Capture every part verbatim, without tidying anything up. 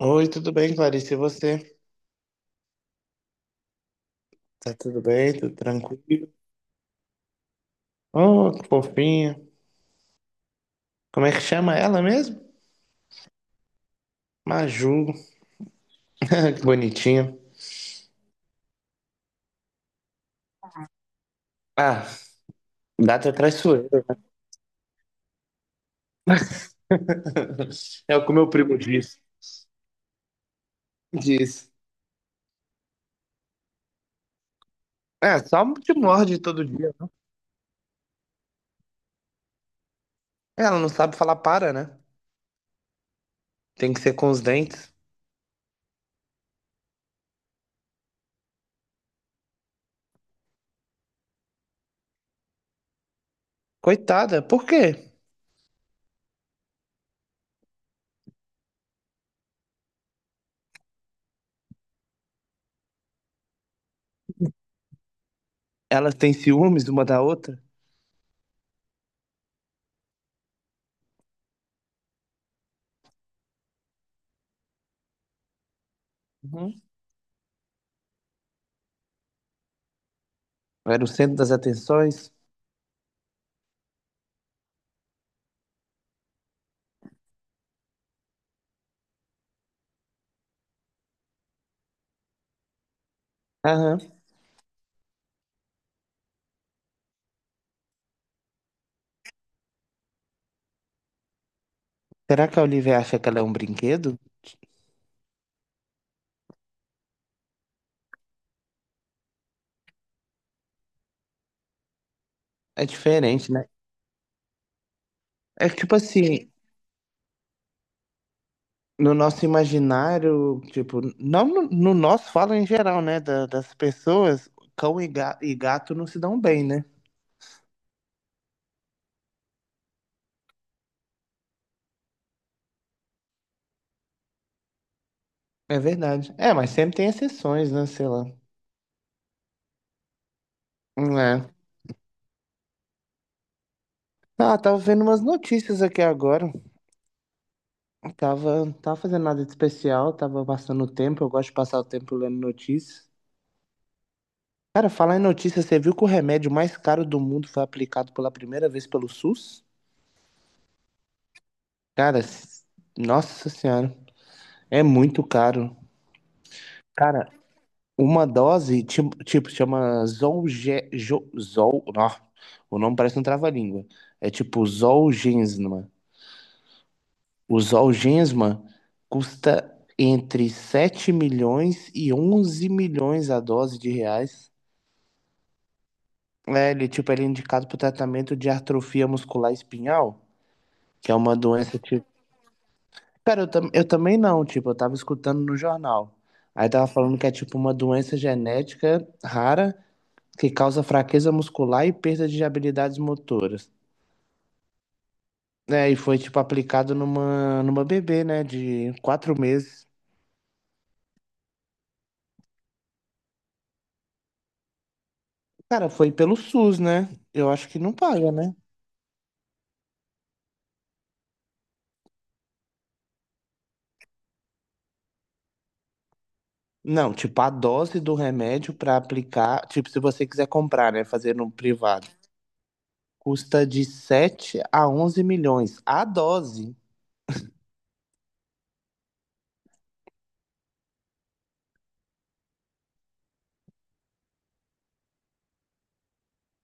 Oi, tudo bem, Clarice? E você? Tá tudo bem? Tudo tranquilo? Oh, que fofinha. Como é que chama ela mesmo? Maju. Que bonitinha. Ah, gato é traiçoeiro. É o que o meu primo disse. Disse. É, só te morde todo dia. Ela não sabe falar para, né? Tem que ser com os dentes. Coitada, por quê? Elas têm ciúmes uma da outra? Uhum. Era o centro das atenções? Aham. Será que a Olivia acha que ela é um brinquedo? É diferente, né? É tipo assim, no nosso imaginário, tipo, não no, no nosso, fala em geral, né? da- das pessoas, cão e, ga- e gato não se dão bem, né? É verdade. É, mas sempre tem exceções, né? Sei lá. Hum. É. Ah, tava vendo umas notícias aqui agora. Tava, tava fazendo nada de especial, tava passando o tempo. Eu gosto de passar o tempo lendo notícias. Cara, falar em notícias, você viu que o remédio mais caro do mundo foi aplicado pela primeira vez pelo S U S? Cara, s- nossa senhora, é muito caro. Cara, uma dose, ti- tipo, chama Zolge... Jo- Zol... Nó, o nome parece um trava-língua. É tipo Zolgensma. O Zolgensma custa entre sete milhões e onze milhões a dose de reais. É, ele, tipo, ele é indicado para o tratamento de atrofia muscular espinhal, que é uma doença, tipo... Cara, eu, tam... eu também não, tipo, eu tava escutando no jornal. Aí tava falando que é, tipo, uma doença genética rara que causa fraqueza muscular e perda de habilidades motoras. É, e foi tipo aplicado numa, numa bebê, né, de quatro meses. Cara, foi pelo S U S, né? Eu acho que não paga, né? Não, tipo, a dose do remédio para aplicar, tipo, se você quiser comprar, né, fazer no privado, custa de sete a onze milhões a dose.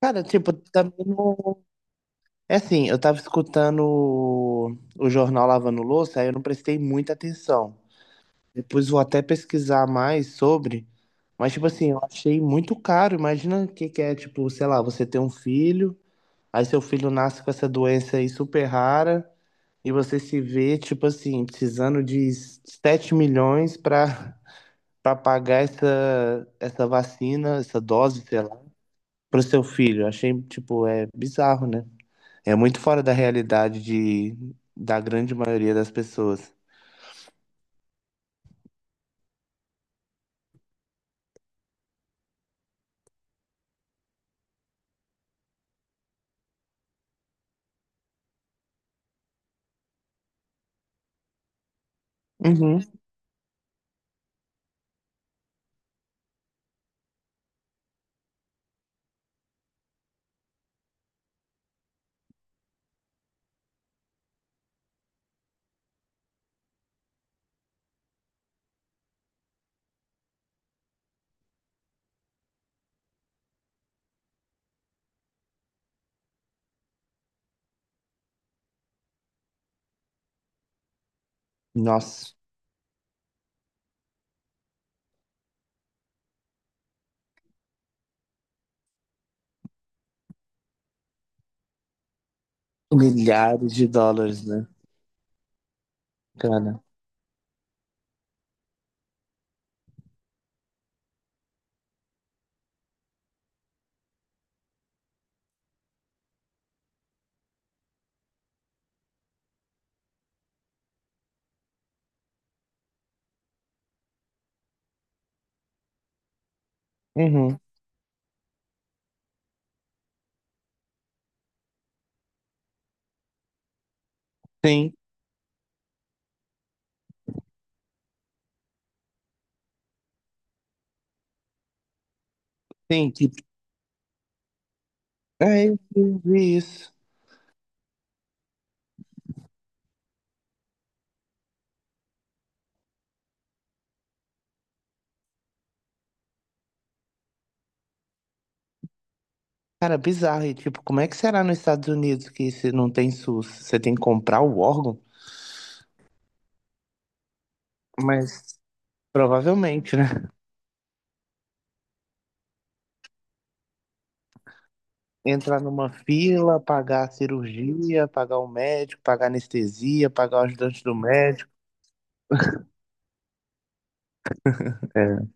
Cara, tipo, também não... É assim, eu tava escutando o, o jornal Lavando Louça, aí eu não prestei muita atenção. Depois vou até pesquisar mais sobre. Mas, tipo assim, eu achei muito caro. Imagina o que que é, tipo, sei lá, você ter um filho, aí seu filho nasce com essa doença aí super rara, e você se vê, tipo assim, precisando de sete milhões pra para pagar essa, essa vacina, essa dose, sei lá, pro seu filho. Achei, tipo, é bizarro, né? É muito fora da realidade de, da grande maioria das pessoas. Uhum. Nossa, milhares de dólares, né? Cara. Uhum. Tem, tem, tipo. É, eu vi isso. Cara, bizarro. E, tipo, como é que será nos Estados Unidos que se não tem S U S? Você tem que comprar o órgão? Mas provavelmente, né? Entrar numa fila, pagar a cirurgia, pagar o médico, pagar a anestesia, pagar o ajudante do médico. É,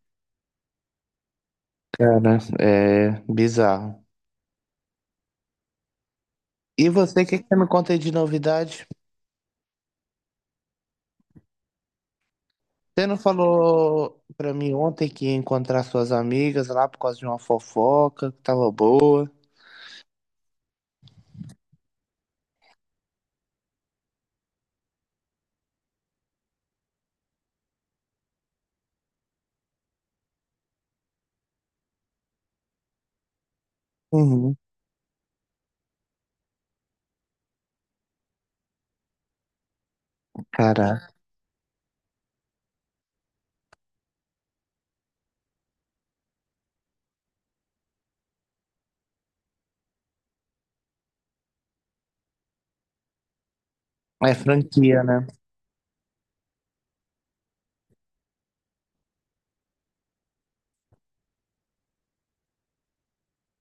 cara, é bizarro. E você, o que que você me conta aí de novidade? Você não falou pra mim ontem que ia encontrar suas amigas lá por causa de uma fofoca que tava boa? Uhum. Cara, é franquia, né?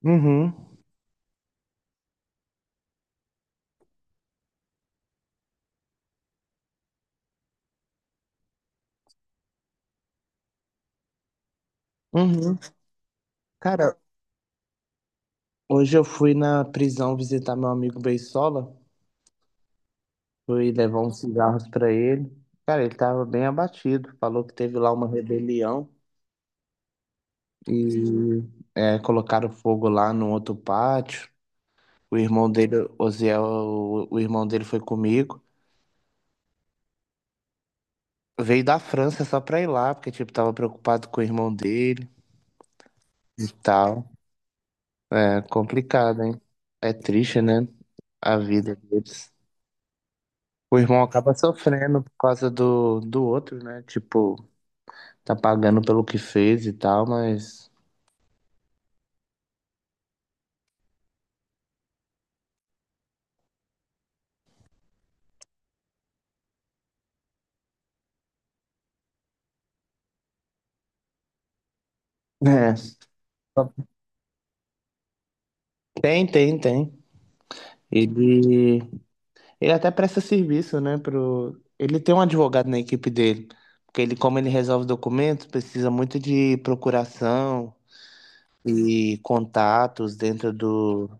Uhum. Uhum. Cara, hoje eu fui na prisão visitar meu amigo Beisola. Fui levar uns cigarros pra ele. Cara, ele tava bem abatido. Falou que teve lá uma rebelião e é, colocaram fogo lá no outro pátio. O irmão dele, Osiel, o, o irmão dele foi comigo. Veio da França só pra ir lá, porque, tipo, tava preocupado com o irmão dele e tal. É complicado, hein? É triste, né? A vida deles. O irmão acaba sofrendo por causa do, do outro, né? Tipo, tá pagando pelo que fez e tal, mas. É. Tem, tem, tem. Ele, ele até presta serviço, né? Pro... Ele tem um advogado na equipe dele. Porque ele, como ele resolve documentos, precisa muito de procuração e contatos dentro do.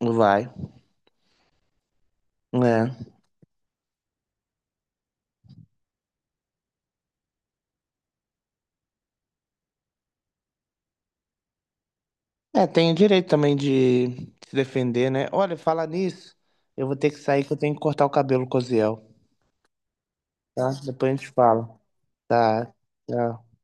Do Vai. É. É, tem o direito também de se defender, né? Olha, fala nisso. Eu vou ter que sair que eu tenho que cortar o cabelo com o Ziel. Tá? Depois a gente fala. Tá, tchau.